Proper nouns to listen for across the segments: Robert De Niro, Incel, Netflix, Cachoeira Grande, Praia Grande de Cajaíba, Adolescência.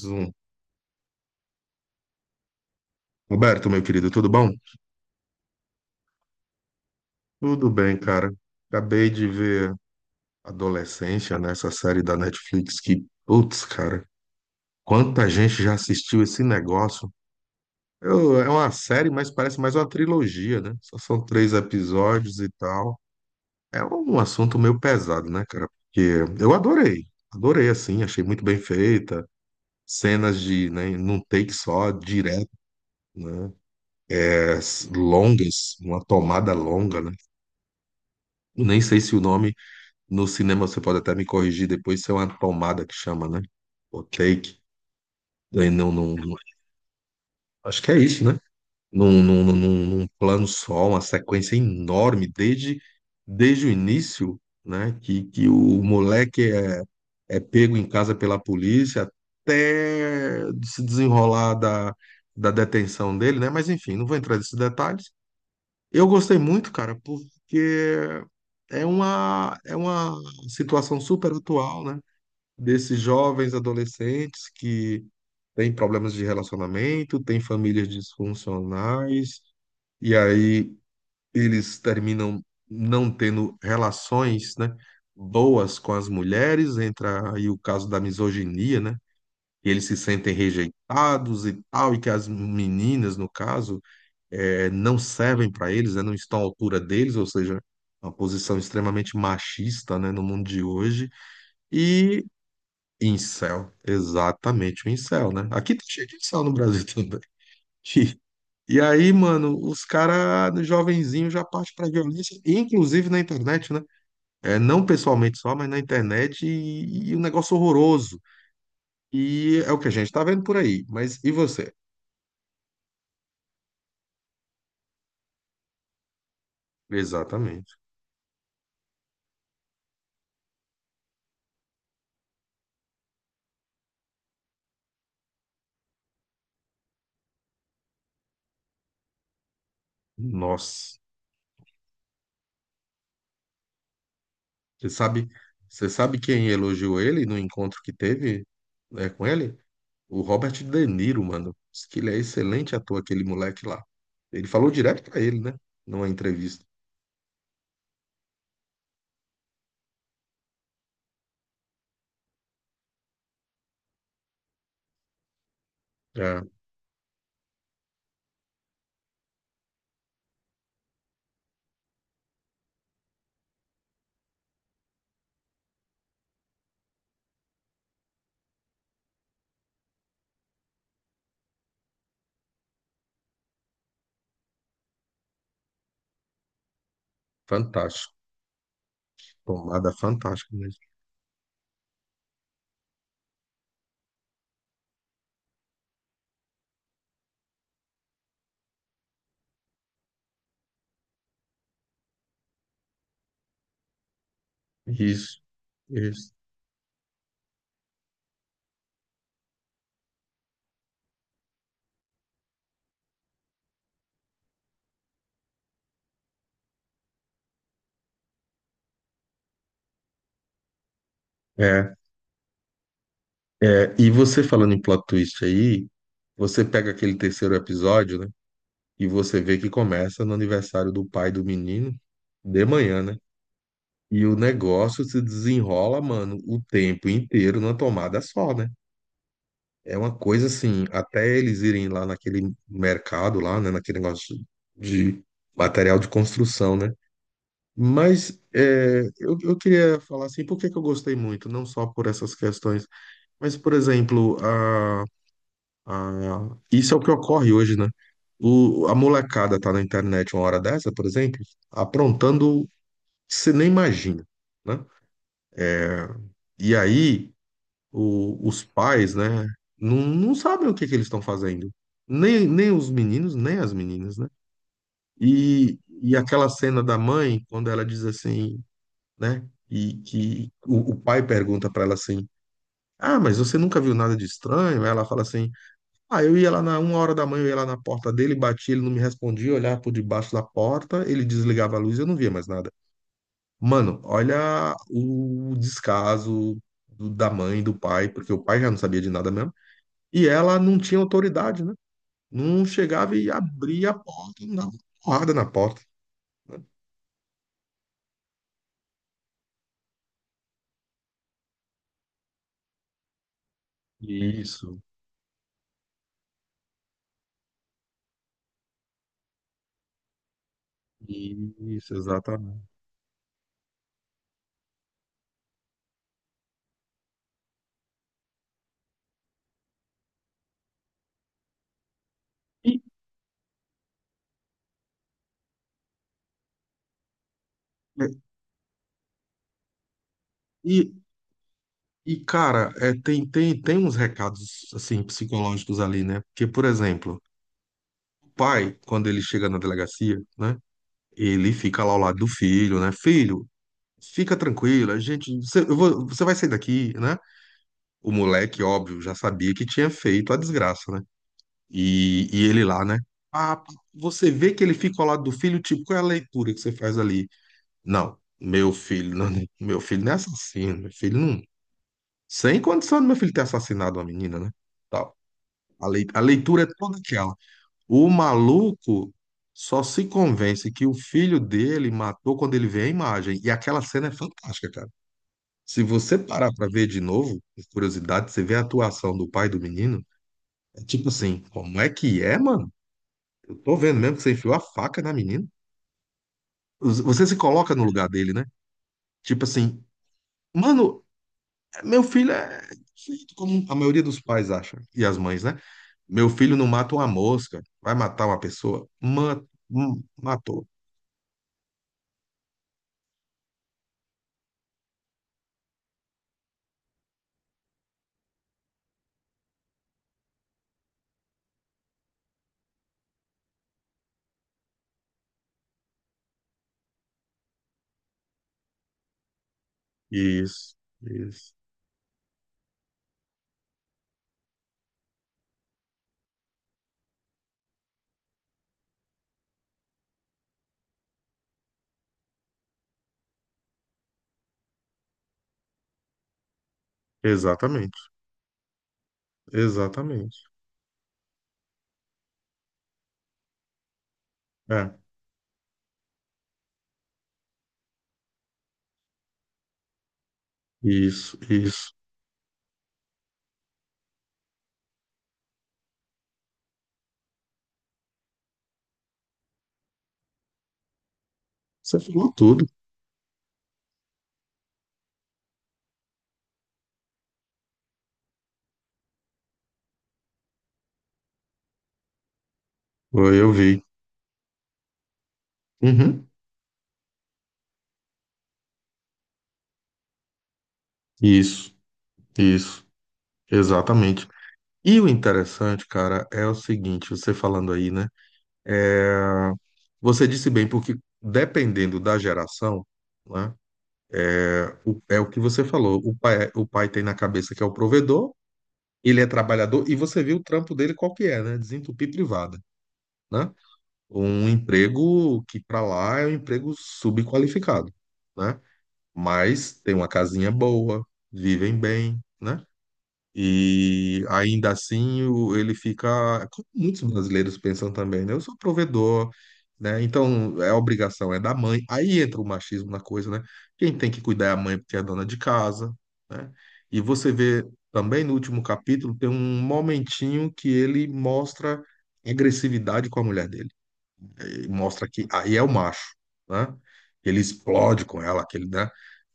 Zoom. Roberto, meu querido, tudo bom? Tudo bem, cara. Acabei de ver Adolescência nessa série da Netflix que, putz, cara, quanta gente já assistiu esse negócio. É uma série, mas parece mais uma trilogia, né? Só são três episódios e tal. É um assunto meio pesado, né, cara? Porque eu adorei, adorei, assim, achei muito bem feita. Cenas de, né, num take só, direto, né? As longas, uma tomada longa, né? Nem sei se o nome. No cinema você pode até me corrigir depois, isso é uma tomada que chama, né? O take. Aí acho que é isso, né? Num plano só, uma sequência enorme, desde o início, né? Que o moleque é pego em casa pela polícia até se desenrolar da detenção dele, né? Mas enfim, não vou entrar nesses detalhes. Eu gostei muito, cara, porque é uma situação super atual, né? Desses jovens adolescentes que têm problemas de relacionamento, têm famílias disfuncionais, e aí eles terminam não tendo relações, né, boas com as mulheres, entra aí o caso da misoginia, né? E eles se sentem rejeitados e tal, e que as meninas, no caso, não servem para eles, né, não estão à altura deles, ou seja, uma posição extremamente machista, né, no mundo de hoje. E Incel, exatamente, o incel, né? Aqui tá cheio de incel no Brasil também. E aí, mano, os caras, jovenzinho, já parte pra violência, inclusive na internet, né? É, não pessoalmente só, mas na internet, e um negócio horroroso. E é o que a gente tá vendo por aí. Mas e você? Exatamente. Nossa. Você sabe, você sabe quem elogiou ele no encontro que teve, né, com ele? O Robert De Niro, mano, diz que ele é excelente ator, aquele moleque lá. Ele falou direto pra ele, né? Numa entrevista. É, fantástico. Tomada fantástica mesmo. Isso, isso. É, e você falando em plot twist aí, você pega aquele terceiro episódio, né? E você vê que começa no aniversário do pai do menino, de manhã, né? E o negócio se desenrola, mano, o tempo inteiro numa tomada só, né? É uma coisa assim, até eles irem lá naquele mercado lá, né, naquele negócio de material de construção, né? Mas é, eu queria falar assim, por que que eu gostei muito? Não só por essas questões, mas, por exemplo, isso é o que ocorre hoje, né? A molecada tá na internet uma hora dessa, por exemplo, aprontando, que você nem imagina, né? E aí os pais, né, não sabem o que que eles estão fazendo. Nem os meninos, nem as meninas, né? E aquela cena da mãe, quando ela diz assim, né? E que o pai pergunta para ela assim: ah, mas você nunca viu nada de estranho? Aí ela fala assim: ah, eu ia lá na uma hora da manhã, eu ia lá na porta dele, batia, ele não me respondia, eu olhava por debaixo da porta, ele desligava a luz e eu não via mais nada. Mano, olha o descaso da mãe, do pai, porque o pai já não sabia de nada mesmo. E ela não tinha autoridade, né? Não chegava e abria a porta, não dava porrada na porta. Isso, isso, exatamente. E, e, e cara, é, tem uns recados assim psicológicos ali, né? Porque, por exemplo, o pai, quando ele chega na delegacia, né? Ele fica lá ao lado do filho, né? Filho, fica tranquilo, a gente, você, você vai sair daqui, né? O moleque, óbvio, já sabia que tinha feito a desgraça, né? E ele lá, né? Ah, você vê que ele fica ao lado do filho, tipo, qual é a leitura que você faz ali? Não, meu filho, não, meu filho não é assassino, meu filho não. Sem condição do meu filho ter assassinado uma menina, né? Tal. A leitura é toda aquela. O maluco só se convence que o filho dele matou quando ele vê a imagem. E aquela cena é fantástica, cara. Se você parar pra ver de novo, por curiosidade, você vê a atuação do pai do menino, é tipo assim, como é que é, mano? Tô vendo mesmo que você enfiou a faca na menina. Você se coloca no lugar dele, né? Tipo assim, mano, meu filho é feito como a maioria dos pais acha, e as mães, né? Meu filho não mata uma mosca, vai matar uma pessoa? Matou. Isso, isso. Exatamente, exatamente. É, isso, isso. Você falou tudo. Foi, eu vi. Uhum. Isso, isso, exatamente. E o interessante, cara, é o seguinte, você falando aí, né? Você disse bem, porque dependendo da geração, né, é o que você falou. O pai, é, o pai tem na cabeça que é o provedor, ele é trabalhador, e você viu o trampo dele qual que é, né? Desentupir privada, né? Um emprego que para lá é um emprego subqualificado, né? Mas tem uma casinha boa, vivem bem, né? E ainda assim ele fica, como muitos brasileiros pensam também, né? Eu sou provedor, né? Então é obrigação, é da mãe. Aí entra o machismo na coisa, né? Quem tem que cuidar é a mãe porque é a dona de casa, né? E você vê também no último capítulo tem um momentinho que ele mostra agressividade com a mulher dele. E mostra que aí é o macho, né? Ele explode com ela, aquele, né?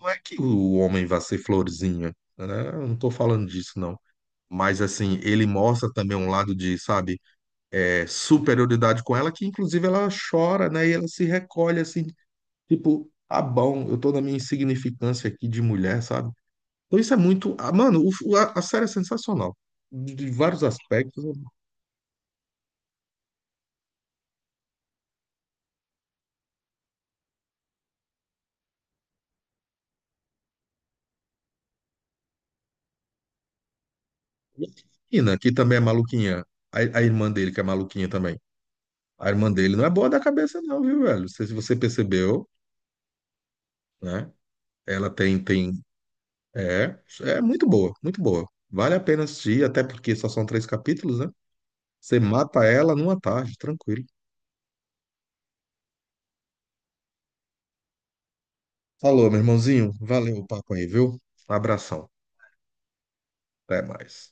Não é que o homem vai ser florzinha, né? Eu não tô falando disso, não. Mas assim, ele mostra também um lado de, sabe, é, superioridade com ela, que inclusive ela chora, né? E ela se recolhe assim, tipo, ah, bom, eu tô na minha insignificância aqui de mulher, sabe? Então isso é muito. Ah, mano, a série é sensacional. De vários aspectos, né? E a Ina, que também é maluquinha. A irmã dele, que é maluquinha também. A irmã dele não é boa da cabeça, não, viu, velho? Não sei se você percebeu, né? Ela tem. É, é muito boa, muito boa. Vale a pena assistir, até porque só são três capítulos, né? Você mata ela numa tarde, tranquilo. Falou, meu irmãozinho. Valeu o papo aí, viu? Um abração. Até mais.